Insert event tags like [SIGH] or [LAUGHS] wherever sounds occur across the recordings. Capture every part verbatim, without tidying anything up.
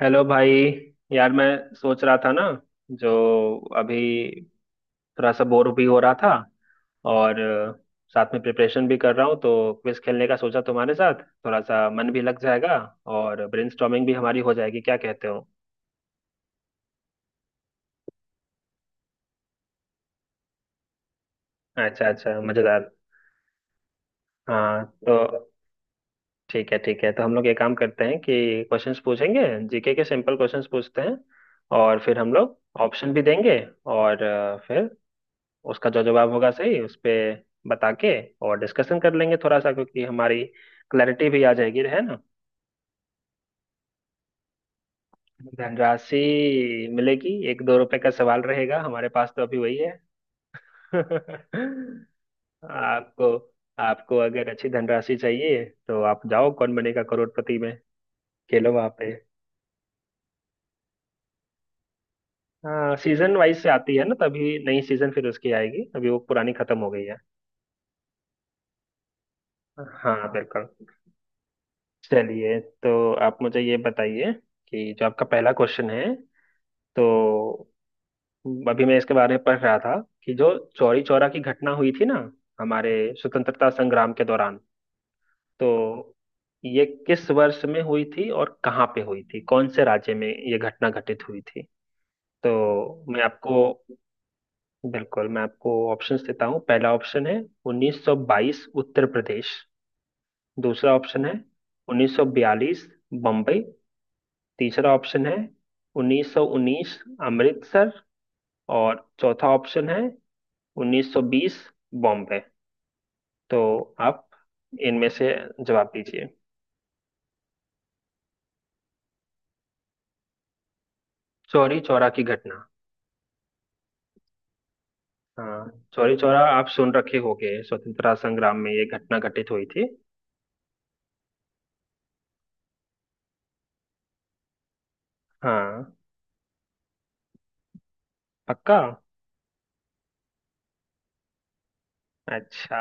Hello भाई। यार मैं सोच रहा था ना, जो अभी थोड़ा सा बोर भी हो रहा था और अ, साथ में प्रिपरेशन भी कर रहा हूँ तो क्विज खेलने का सोचा। तुम्हारे साथ थोड़ा सा मन भी लग जाएगा और ब्रेनस्टॉर्मिंग भी हमारी हो जाएगी, क्या कहते हो। अच्छा अच्छा, मजेदार। हाँ तो ठीक है ठीक है, तो हम लोग ये काम करते हैं कि क्वेश्चंस पूछेंगे। जीके के सिंपल क्वेश्चंस पूछते हैं और फिर हम लोग ऑप्शन भी देंगे और अ, फिर उसका जो जवाब होगा सही उस पे बता के और डिस्कशन कर लेंगे थोड़ा सा, क्योंकि हमारी क्लैरिटी भी आ जाएगी, है ना। धनराशि मिलेगी एक दो रुपए का सवाल रहेगा हमारे पास, तो अभी वही है। [LAUGHS] आपको आपको अगर अच्छी धनराशि चाहिए तो आप जाओ कौन बनेगा करोड़पति में, खेलो वहां पे। हाँ सीजन वाइज से आती है ना, तभी नई सीजन फिर उसकी आएगी, अभी वो पुरानी खत्म हो गई है। हाँ बिल्कुल। चलिए तो आप मुझे ये बताइए कि जो आपका पहला क्वेश्चन है, तो अभी मैं इसके बारे में पढ़ रहा था कि जो चौरी चौरा की घटना हुई थी ना हमारे स्वतंत्रता संग्राम के दौरान, तो ये किस वर्ष में हुई थी और कहाँ पे हुई थी, कौन से राज्य में ये घटना घटित हुई थी। तो मैं आपको बिल्कुल मैं आपको ऑप्शंस देता हूँ। पहला ऑप्शन है उन्नीस सौ बाईस उत्तर प्रदेश, दूसरा ऑप्शन है उन्नीस सौ बयालीस बम्बई, तीसरा ऑप्शन है उन्नीस सौ उन्नीस अमृतसर, और चौथा ऑप्शन है उन्नीस सौ बीस बॉम्बे। तो आप इनमें से जवाब दीजिए। चौरी चौरा की घटना। हाँ चौरी चौरा, आप सुन रखे होंगे, स्वतंत्रता संग्राम में ये घटना घटित हुई थी। हाँ। पक्का। अच्छा।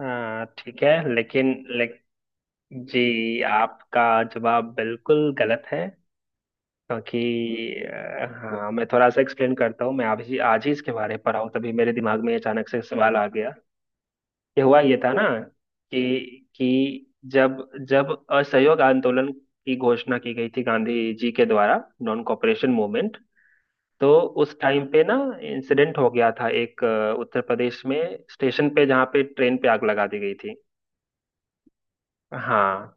हाँ ठीक है लेकिन ले, जी आपका जवाब बिल्कुल गलत है। क्योंकि अ, हाँ मैं थोड़ा सा एक्सप्लेन करता हूँ। मैं आज ही आज ही इसके बारे में पढ़ा हूँ, तभी मेरे दिमाग में अचानक से सवाल आ गया। ये हुआ ये था ना कि कि जब जब असहयोग आंदोलन की घोषणा की गई थी गांधी जी के द्वारा, नॉन कॉपरेशन मूवमेंट। तो उस टाइम पे ना इंसिडेंट हो गया था एक अ, उत्तर प्रदेश में स्टेशन पे, जहाँ पे ट्रेन पे आग लगा दी गई थी। हाँ।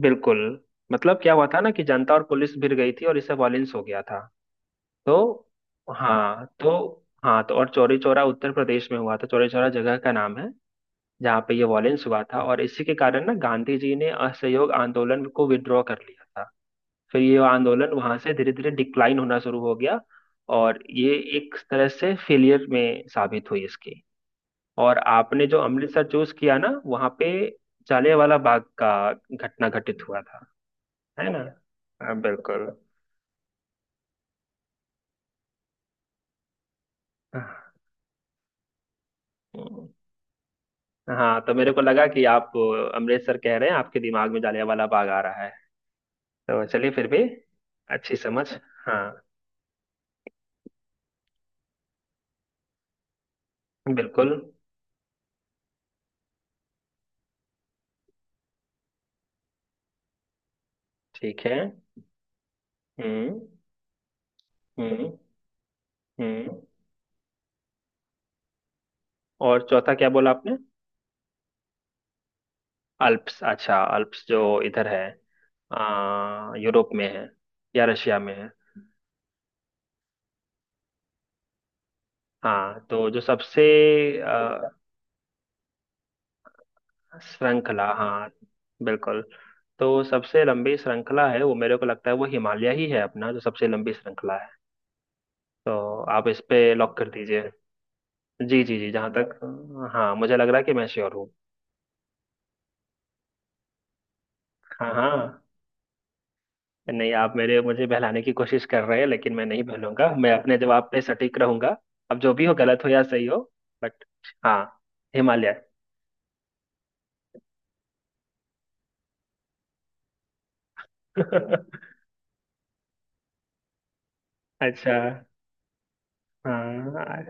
बिल्कुल। मतलब क्या हुआ था ना, कि जनता और पुलिस भिड़ गई थी और इससे वॉयलेंस हो गया था। तो हाँ तो हाँ तो और चौरी चौरा उत्तर प्रदेश में हुआ था, चौरी चौरा जगह का नाम है जहाँ पे ये वॉयलेंस हुआ था, और इसी के कारण ना गांधी जी ने असहयोग आंदोलन को विड्रॉ कर लिया था। फिर ये आंदोलन वहां से धीरे धीरे डिक्लाइन होना शुरू हो गया और ये एक तरह से फेलियर में साबित हुई इसकी। और आपने जो अमृतसर चूज किया ना, वहां पे जलियांवाला बाग का घटना घटित हुआ था, है ना। हाँ, बिल्कुल। हाँ तो मेरे को लगा कि आप अमृतसर कह रहे हैं, आपके दिमाग में जलियांवाला बाग आ रहा है। तो चलिए फिर भी, अच्छी समझ। हाँ बिल्कुल ठीक है। हम्म। हम्म। हम्म। और चौथा क्या बोला आपने। अल्प्स। अच्छा, अल्प्स जो इधर है, आ, यूरोप में है या रशिया में है। हाँ तो जो सबसे आ, श्रृंखला। हाँ बिल्कुल। तो सबसे लंबी श्रृंखला है वो, मेरे को लगता है वो हिमालय ही है अपना, जो सबसे लंबी श्रृंखला है। तो आप इस पे लॉक कर दीजिए। जी जी जी जहाँ तक। हाँ मुझे लग रहा है कि मैं श्योर हूँ। हाँ हाँ। नहीं आप मेरे मुझे बहलाने की कोशिश कर रहे हैं, लेकिन मैं नहीं बहलूंगा, मैं अपने जवाब पे सटीक रहूंगा। अब जो भी हो, गलत हो या सही हो, बट हाँ, हिमालय। [LAUGHS] अच्छा। हाँ।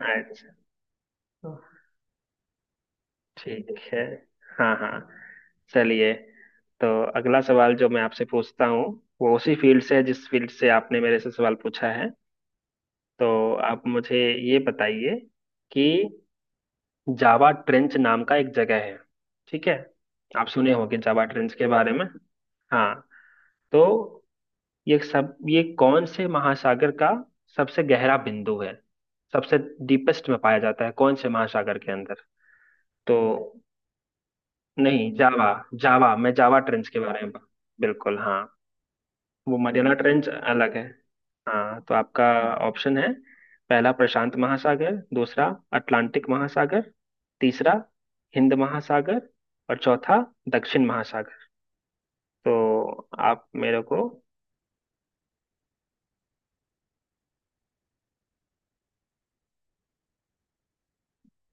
अच्छा ठीक है। हाँ हाँ। चलिए, तो अगला सवाल जो मैं आपसे पूछता हूँ, वो उसी फील्ड से है जिस फील्ड से आपने मेरे से सवाल पूछा है। तो आप मुझे ये बताइए कि जावा ट्रेंच नाम का एक जगह है, ठीक है। आप सुने होंगे जावा ट्रेंच के बारे में। हाँ। तो ये सब ये कौन से महासागर का सबसे गहरा बिंदु है, सबसे डीपेस्ट में पाया जाता है कौन से महासागर के अंदर। तो नहीं, जावा, जावा, मैं जावा ट्रेंच के बारे में बा- बिल्कुल हाँ। वो मरियाना ट्रेंच अलग है। हाँ तो आपका ऑप्शन है पहला प्रशांत महासागर, दूसरा अटलांटिक महासागर, तीसरा हिंद महासागर, और चौथा दक्षिण महासागर। तो आप मेरे को।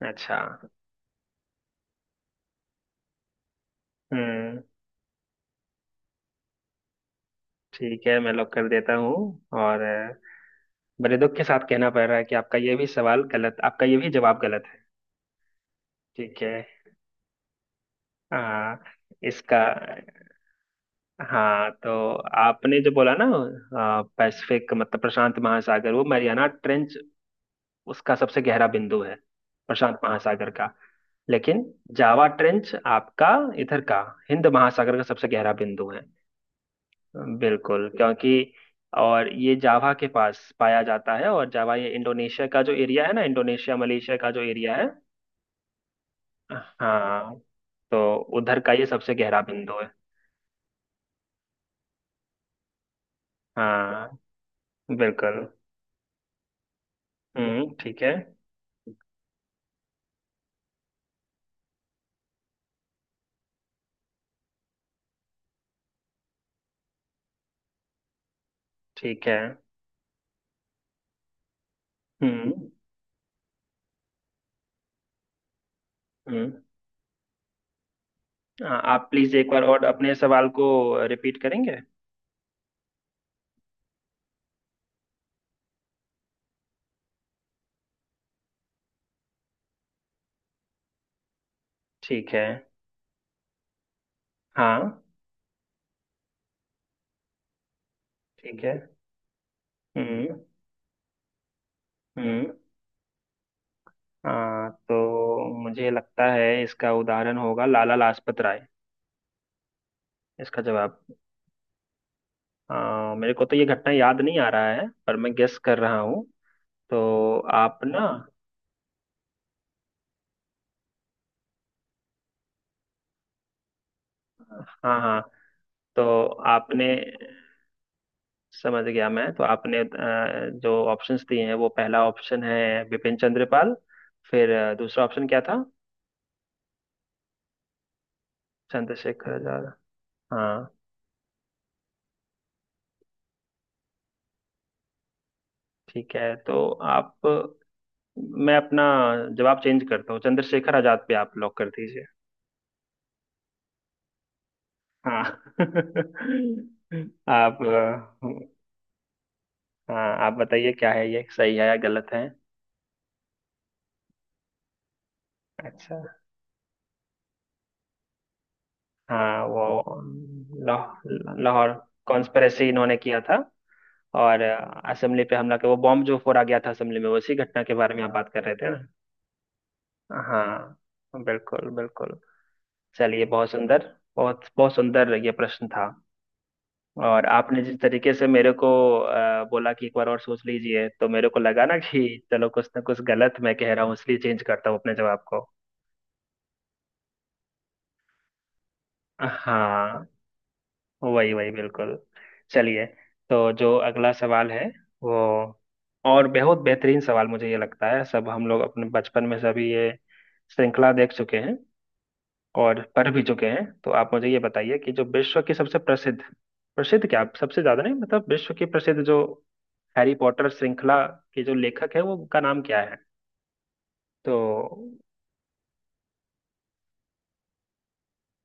अच्छा। हम्म ठीक है, मैं लॉक कर देता हूँ। और अ, बड़े दुख के साथ कहना पड़ रहा है कि आपका ये भी सवाल गलत, आपका ये भी जवाब गलत है। ठीक है। आ, इसका, हाँ तो आपने जो बोला ना, आ, पैसिफिक मतलब प्रशांत महासागर, वो मरियाना ट्रेंच उसका सबसे गहरा बिंदु है, प्रशांत महासागर का। लेकिन जावा ट्रेंच आपका इधर का, हिंद महासागर का सबसे गहरा बिंदु है। बिल्कुल क्योंकि और ये जावा के पास पाया जाता है, और जावा ये इंडोनेशिया का जो एरिया है ना, इंडोनेशिया मलेशिया का जो एरिया है। हाँ। तो उधर का ये सबसे गहरा बिंदु है। हाँ बिल्कुल। हम्म ठीक है। ठीक है। हम्म। हम्म। आ- आप प्लीज एक बार और अपने सवाल को रिपीट करेंगे। ठीक है। हाँ। ठीक है। हम्म। हम्म। हाँ तो मुझे लगता है इसका उदाहरण होगा लाला लाजपत राय, इसका जवाब। आ, मेरे को तो ये घटना याद नहीं आ रहा है, पर मैं गेस कर रहा हूँ। तो आप ना। हाँ हाँ। तो आपने, समझ गया मैं, तो आपने अ, जो ऑप्शंस दिए हैं वो पहला ऑप्शन है बिपिन चंद्रपाल, फिर अ, दूसरा ऑप्शन क्या था। चंद्रशेखर आजाद। हाँ। ठीक है तो आप, मैं अपना जवाब चेंज करता हूँ, चंद्रशेखर आजाद पे आप लॉक कर दीजिए। हाँ। [LAUGHS] आप अ, हाँ आप बताइए क्या है, ये सही है या गलत है। अच्छा। हाँ वो, लाहौर, लाहौर कॉन्स्पिरेसी इन्होंने किया था। और असेंबली पे हमला के वो बॉम्ब जो फोड़ा गया था असेंबली में, उसी घटना के बारे में आप बात कर रहे थे ना। हाँ बिल्कुल बिल्कुल। चलिए बहुत सुंदर, बहुत बहुत सुंदर ये प्रश्न था। और आपने जिस तरीके से मेरे को अ, बोला कि एक बार और सोच लीजिए, तो मेरे को लगा ना कि चलो कुछ ना कुछ गलत मैं कह रहा हूँ, इसलिए चेंज करता हूँ अपने जवाब को। हाँ वही वही बिल्कुल। चलिए, तो जो अगला सवाल है वो, और बहुत बेहतरीन सवाल मुझे ये लगता है, सब हम लोग अपने बचपन में सभी ये श्रृंखला देख चुके हैं और पढ़ भी चुके हैं। तो आप मुझे ये बताइए कि जो विश्व की सबसे प्रसिद्ध, प्रसिद्ध क्या, सबसे ज्यादा नहीं, मतलब विश्व की प्रसिद्ध जो हैरी पॉटर श्रृंखला के जो लेखक है, वो उनका नाम क्या है। तो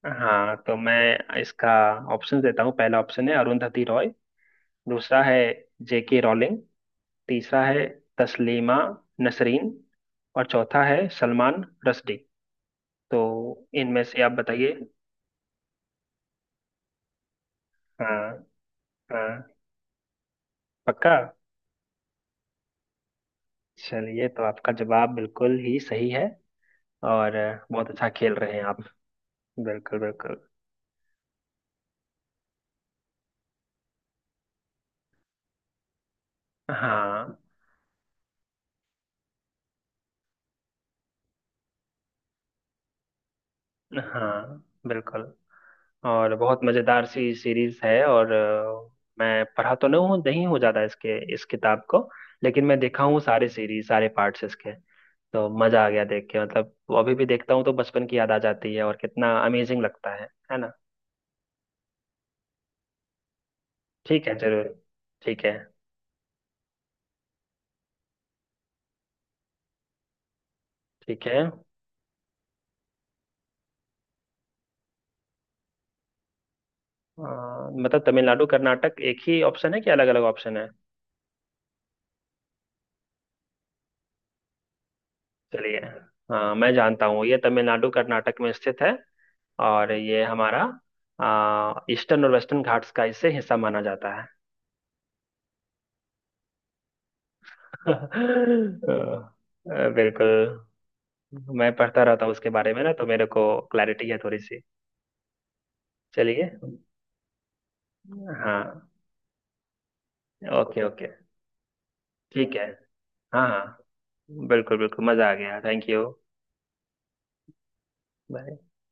हाँ तो मैं इसका ऑप्शन देता हूँ। पहला ऑप्शन है अरुंधति रॉय, दूसरा है जेके रॉलिंग, तीसरा है तस्लीमा नसरीन, और चौथा है सलमान रश्दी। तो इनमें से आप बताइए। हाँ। हाँ। पक्का। चलिए तो आपका जवाब बिल्कुल ही सही है, और बहुत अच्छा खेल रहे हैं आप। बिल्कुल बिल्कुल। हाँ हाँ बिल्कुल। और बहुत मजेदार सी सीरीज है, और अ, मैं पढ़ा तो नहीं हूँ, नहीं हूँ ज्यादा इसके, इस किताब को, लेकिन मैं देखा हूँ सारे सीरीज सारे पार्ट्स इसके। तो मजा आ गया देख के, मतलब वो अभी भी देखता हूँ तो बचपन की याद आ जाती है और कितना अमेजिंग लगता है है ना। ठीक है जरूर। ठीक है ठीक है। अ, मतलब तमिलनाडु कर्नाटक एक ही ऑप्शन है कि अलग अलग ऑप्शन है। चलिए। हाँ मैं जानता हूँ ये तमिलनाडु कर्नाटक में स्थित है, और ये हमारा ईस्टर्न और वेस्टर्न घाट्स का इससे हिस्सा माना जाता है। [LAUGHS] अ, अ, बिल्कुल, मैं पढ़ता रहता हूँ उसके बारे में ना तो मेरे को क्लैरिटी है थोड़ी सी। चलिए। हाँ। Okay okay. ठीक है। हाँ हाँ बिल्कुल बिल्कुल, मज़ा आ गया, थैंक यू। बाय।